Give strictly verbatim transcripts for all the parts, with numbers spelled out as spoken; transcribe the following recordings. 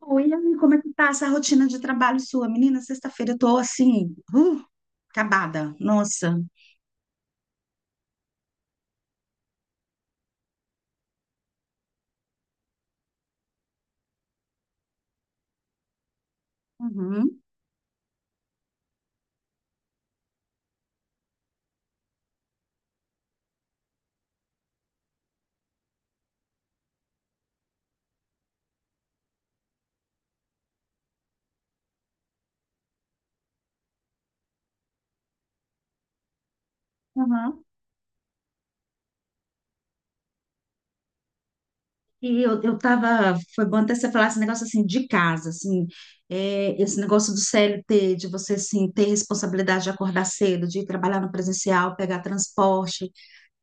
Oi, Ami, como é que tá essa rotina de trabalho sua? Menina, sexta-feira eu tô assim, uh, acabada, nossa. Uhum, uhum. E eu, eu tava, foi bom até você falar esse negócio assim de casa, assim, é, esse negócio do C L T, de você assim ter responsabilidade de acordar cedo, de ir trabalhar no presencial, pegar transporte,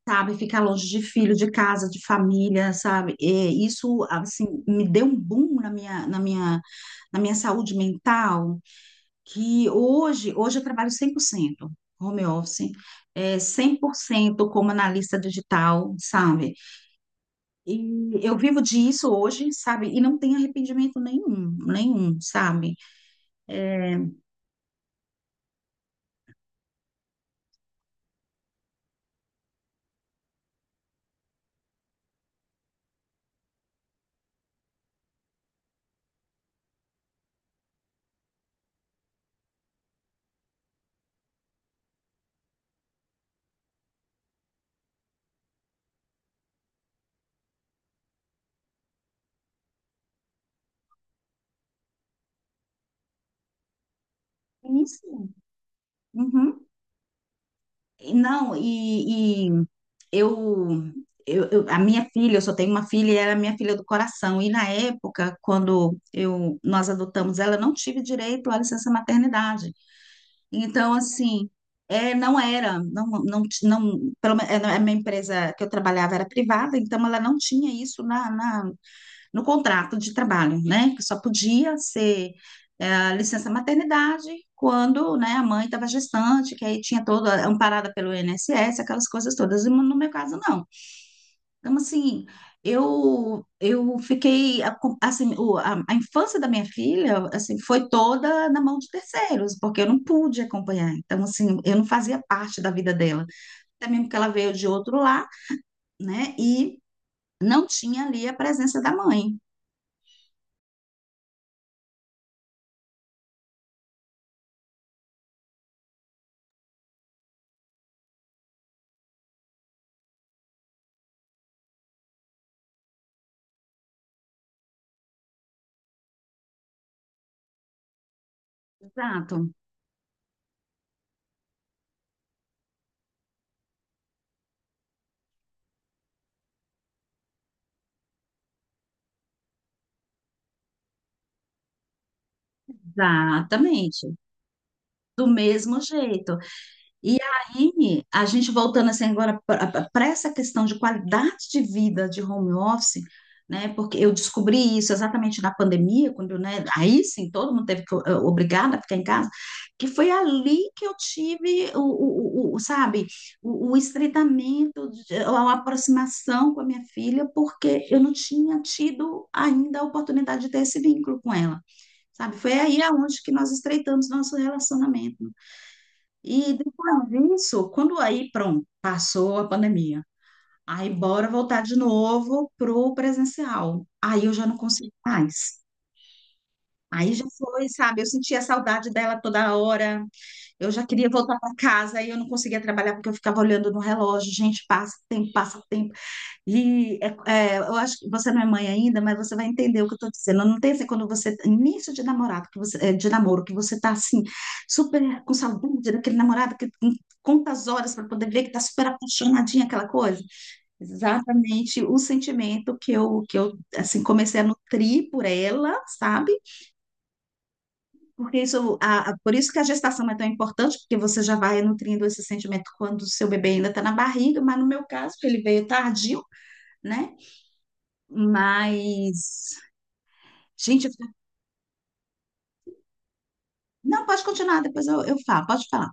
sabe, ficar longe de filho, de casa, de família, sabe? É, isso assim me deu um boom na minha, na minha, na minha saúde mental, que hoje, hoje eu trabalho cem por cento home office, é, cem por cento como analista digital, sabe? E eu vivo disso hoje, sabe? E não tenho arrependimento nenhum, nenhum, sabe? Isso. Uhum. E não, e, e eu, eu, eu- a minha filha, eu só tenho uma filha e ela é minha filha do coração. E na época, quando eu, nós adotamos ela, eu não tive direito à licença maternidade. Então, assim, é, não era, não, não, ti- não, pelo menos a minha empresa que eu trabalhava era privada, então ela não tinha isso na, na- no contrato de trabalho, né? Que só podia ser é, licença maternidade quando, né, a mãe estava gestante, que aí tinha toda amparada pelo iness, aquelas coisas todas. E no meu caso, não. Então, assim, eu eu fiquei a- com- assim, o- a, a infância da minha filha, assim, foi toda na mão de terceiros, porque eu não pude acompanhar. Então, assim, eu não fazia parte da vida dela. Até mesmo que ela veio de outro lar, né? E não tinha ali a presença da mãe. Exato. Exatamente. Do mesmo jeito. E aí, a gente voltando assim agora para essa questão de qualidade de vida de home office, né? Porque eu descobri isso exatamente na pandemia, quando, né? Aí sim, todo mundo teve que, eh, obrigado a ficar em casa, que foi ali que eu tive o, o, o- o- sabe, o, o estreitamento, de- a aproximação com a minha filha, porque eu não tinha tido ainda a oportunidade de ter esse vínculo com ela, sabe? Foi aí aonde que nós estreitamos nosso relacionamento. E depois disso, quando aí, pronto, passou a pandemia. Aí, bora voltar de novo pro presencial. Aí eu já não consegui mais. Aí já foi, sabe? Eu sentia saudade dela toda hora. Eu já queria voltar para casa, aí eu não conseguia trabalhar porque eu ficava olhando no relógio. Gente, passa tempo, passa tempo. E é- é, eu acho que você não é mãe ainda, mas você vai entender o que eu estou dizendo. Não tem assim quando você início de namorado, que você, é, de namoro, que você está assim super com saudade daquele namorado que tem quantas horas para poder ver que está super apaixonadinha aquela coisa. Exatamente o sentimento que eu que eu assim comecei a nutrir por ela, sabe? Porque isso, a, a- por isso que a gestação é tão importante, porque você já vai nutrindo esse sentimento quando o seu bebê ainda está na barriga, mas no meu caso, ele veio tardio né? Mas, gente, eu... não, pode continuar, depois eu, eu falo, pode falar.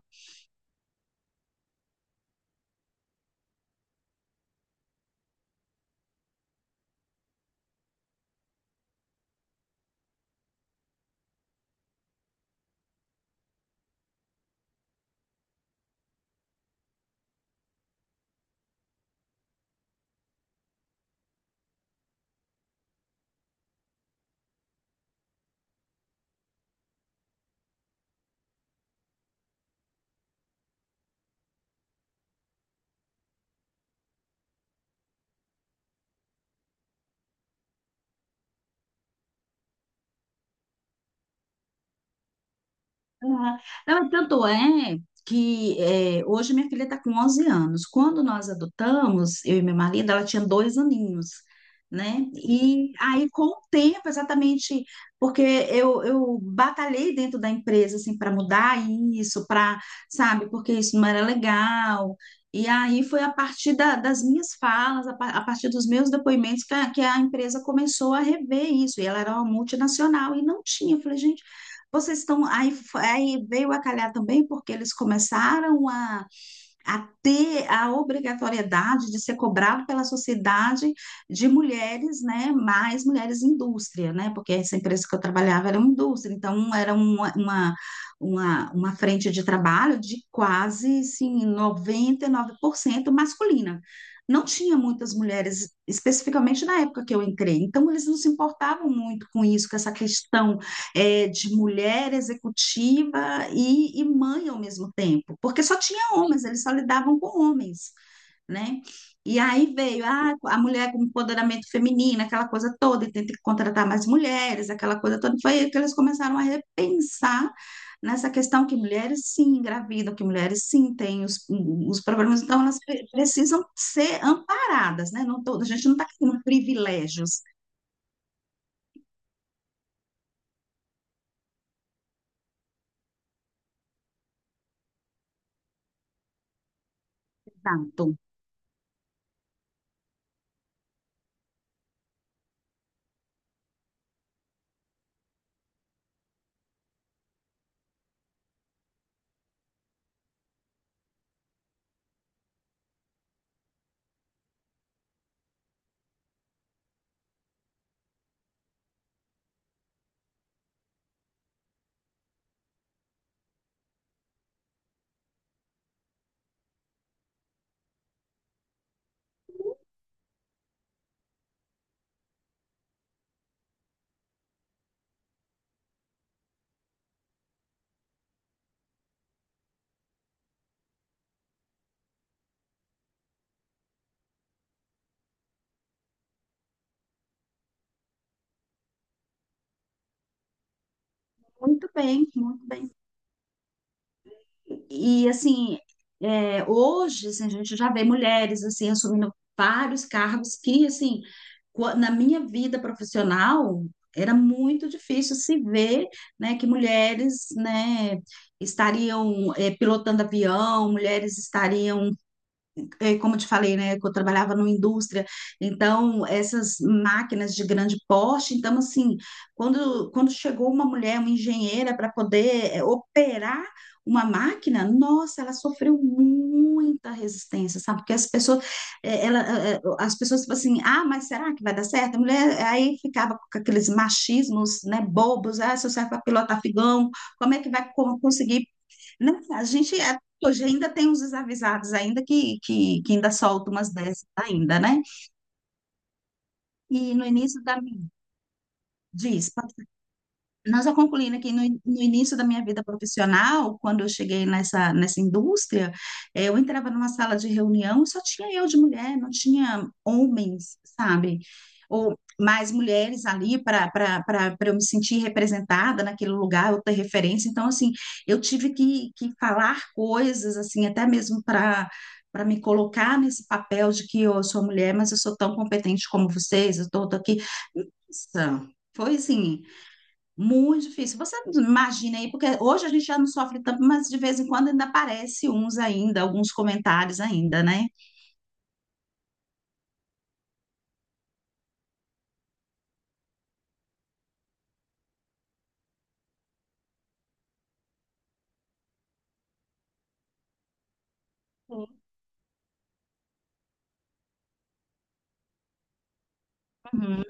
Uhum. Não, e tanto é que é, hoje minha filha está com onze anos. Quando nós adotamos, eu e meu marido, ela tinha dois aninhos, né? E aí, com o tempo, exatamente, porque eu, eu batalhei dentro da empresa, assim, para mudar isso, para, sabe, porque isso não era legal. E aí foi a partir da- das minhas falas, a, pa- a partir dos meus depoimentos, que a, que a empresa começou a rever isso. E ela era uma multinacional e não tinha. Eu falei, gente. Vocês estão aí, f- aí veio a calhar também porque eles começaram a, a ter a obrigatoriedade de ser cobrado pela sociedade de mulheres, né, mais mulheres indústria, né, porque essa empresa que eu trabalhava era uma indústria, então era uma, uma, uma, uma frente de trabalho de quase, assim, noventa e nove por cento masculina. Não tinha muitas mulheres, especificamente na época que eu entrei, então eles não se importavam muito com isso, com essa questão é, de mulher executiva e, e mãe ao mesmo tempo, porque só tinha homens, eles só lidavam com homens, né? E aí veio ah, a mulher com empoderamento feminino, aquela coisa toda, e tem que contratar mais mulheres, aquela coisa toda. Foi aí que eles começaram a repensar nessa questão que mulheres sim engravidam, que mulheres sim têm os, os problemas, então elas pre- precisam ser amparadas, né? Não tô, a gente não está querendo privilégios. Exato. Muito bem, muito bem. E assim, é, hoje assim, a gente já vê mulheres assim assumindo vários cargos que assim, qua- na minha vida profissional era muito difícil se ver, né, que mulheres, né, estariam é, pilotando avião, mulheres estariam é, como eu te falei, né, que eu trabalhava numa indústria, então essas máquinas de grande porte, então assim, quando, quando chegou uma mulher, uma engenheira, para poder é, operar uma máquina, nossa, ela sofreu muita resistência, sabe? Porque as pessoas, é, ela, é, é, as pessoas tipo assim, ah, mas será que vai dar certo? A mulher aí ficava com aqueles machismos, né, bobos, ah, se eu serve para pilotar figão, como é que vai co- conseguir não, a gente é- hoje ainda tem uns desavisados ainda que, que, que ainda soltam umas dessas ainda, né? E no início da minha, diz, nós só concluindo aqui, no, no início da minha vida profissional, quando eu cheguei nessa, nessa indústria, eh, eu entrava numa sala de reunião e só tinha eu de mulher, não tinha homens, sabe? Ou mais mulheres ali para para eu me sentir representada naquele lugar, eu ter referência. Então, assim, eu tive que, que falar coisas, assim, até mesmo para para me colocar nesse papel de que eu sou mulher, mas eu sou tão competente como vocês, eu estou aqui. Nossa, foi assim. Muito difícil. Você imagina aí, porque hoje a gente já não sofre tanto, mas de vez em quando ainda aparece uns ainda, alguns comentários ainda, né? Sim. Uhum.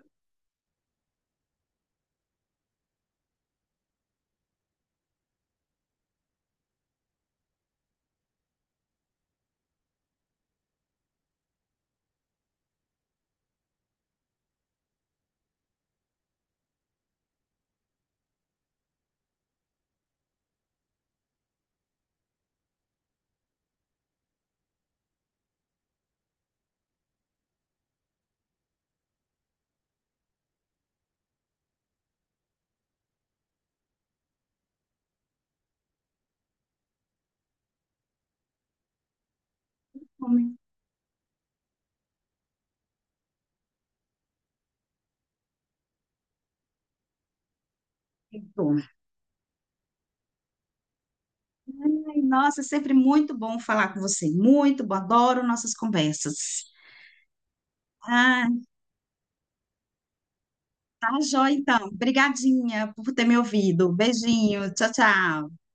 Muito. Ai, nossa, é sempre muito bom falar com você. Muito bom, adoro nossas conversas. Ah, tá joia então. Obrigadinha por ter me ouvido. Beijinho, tchau, tchau.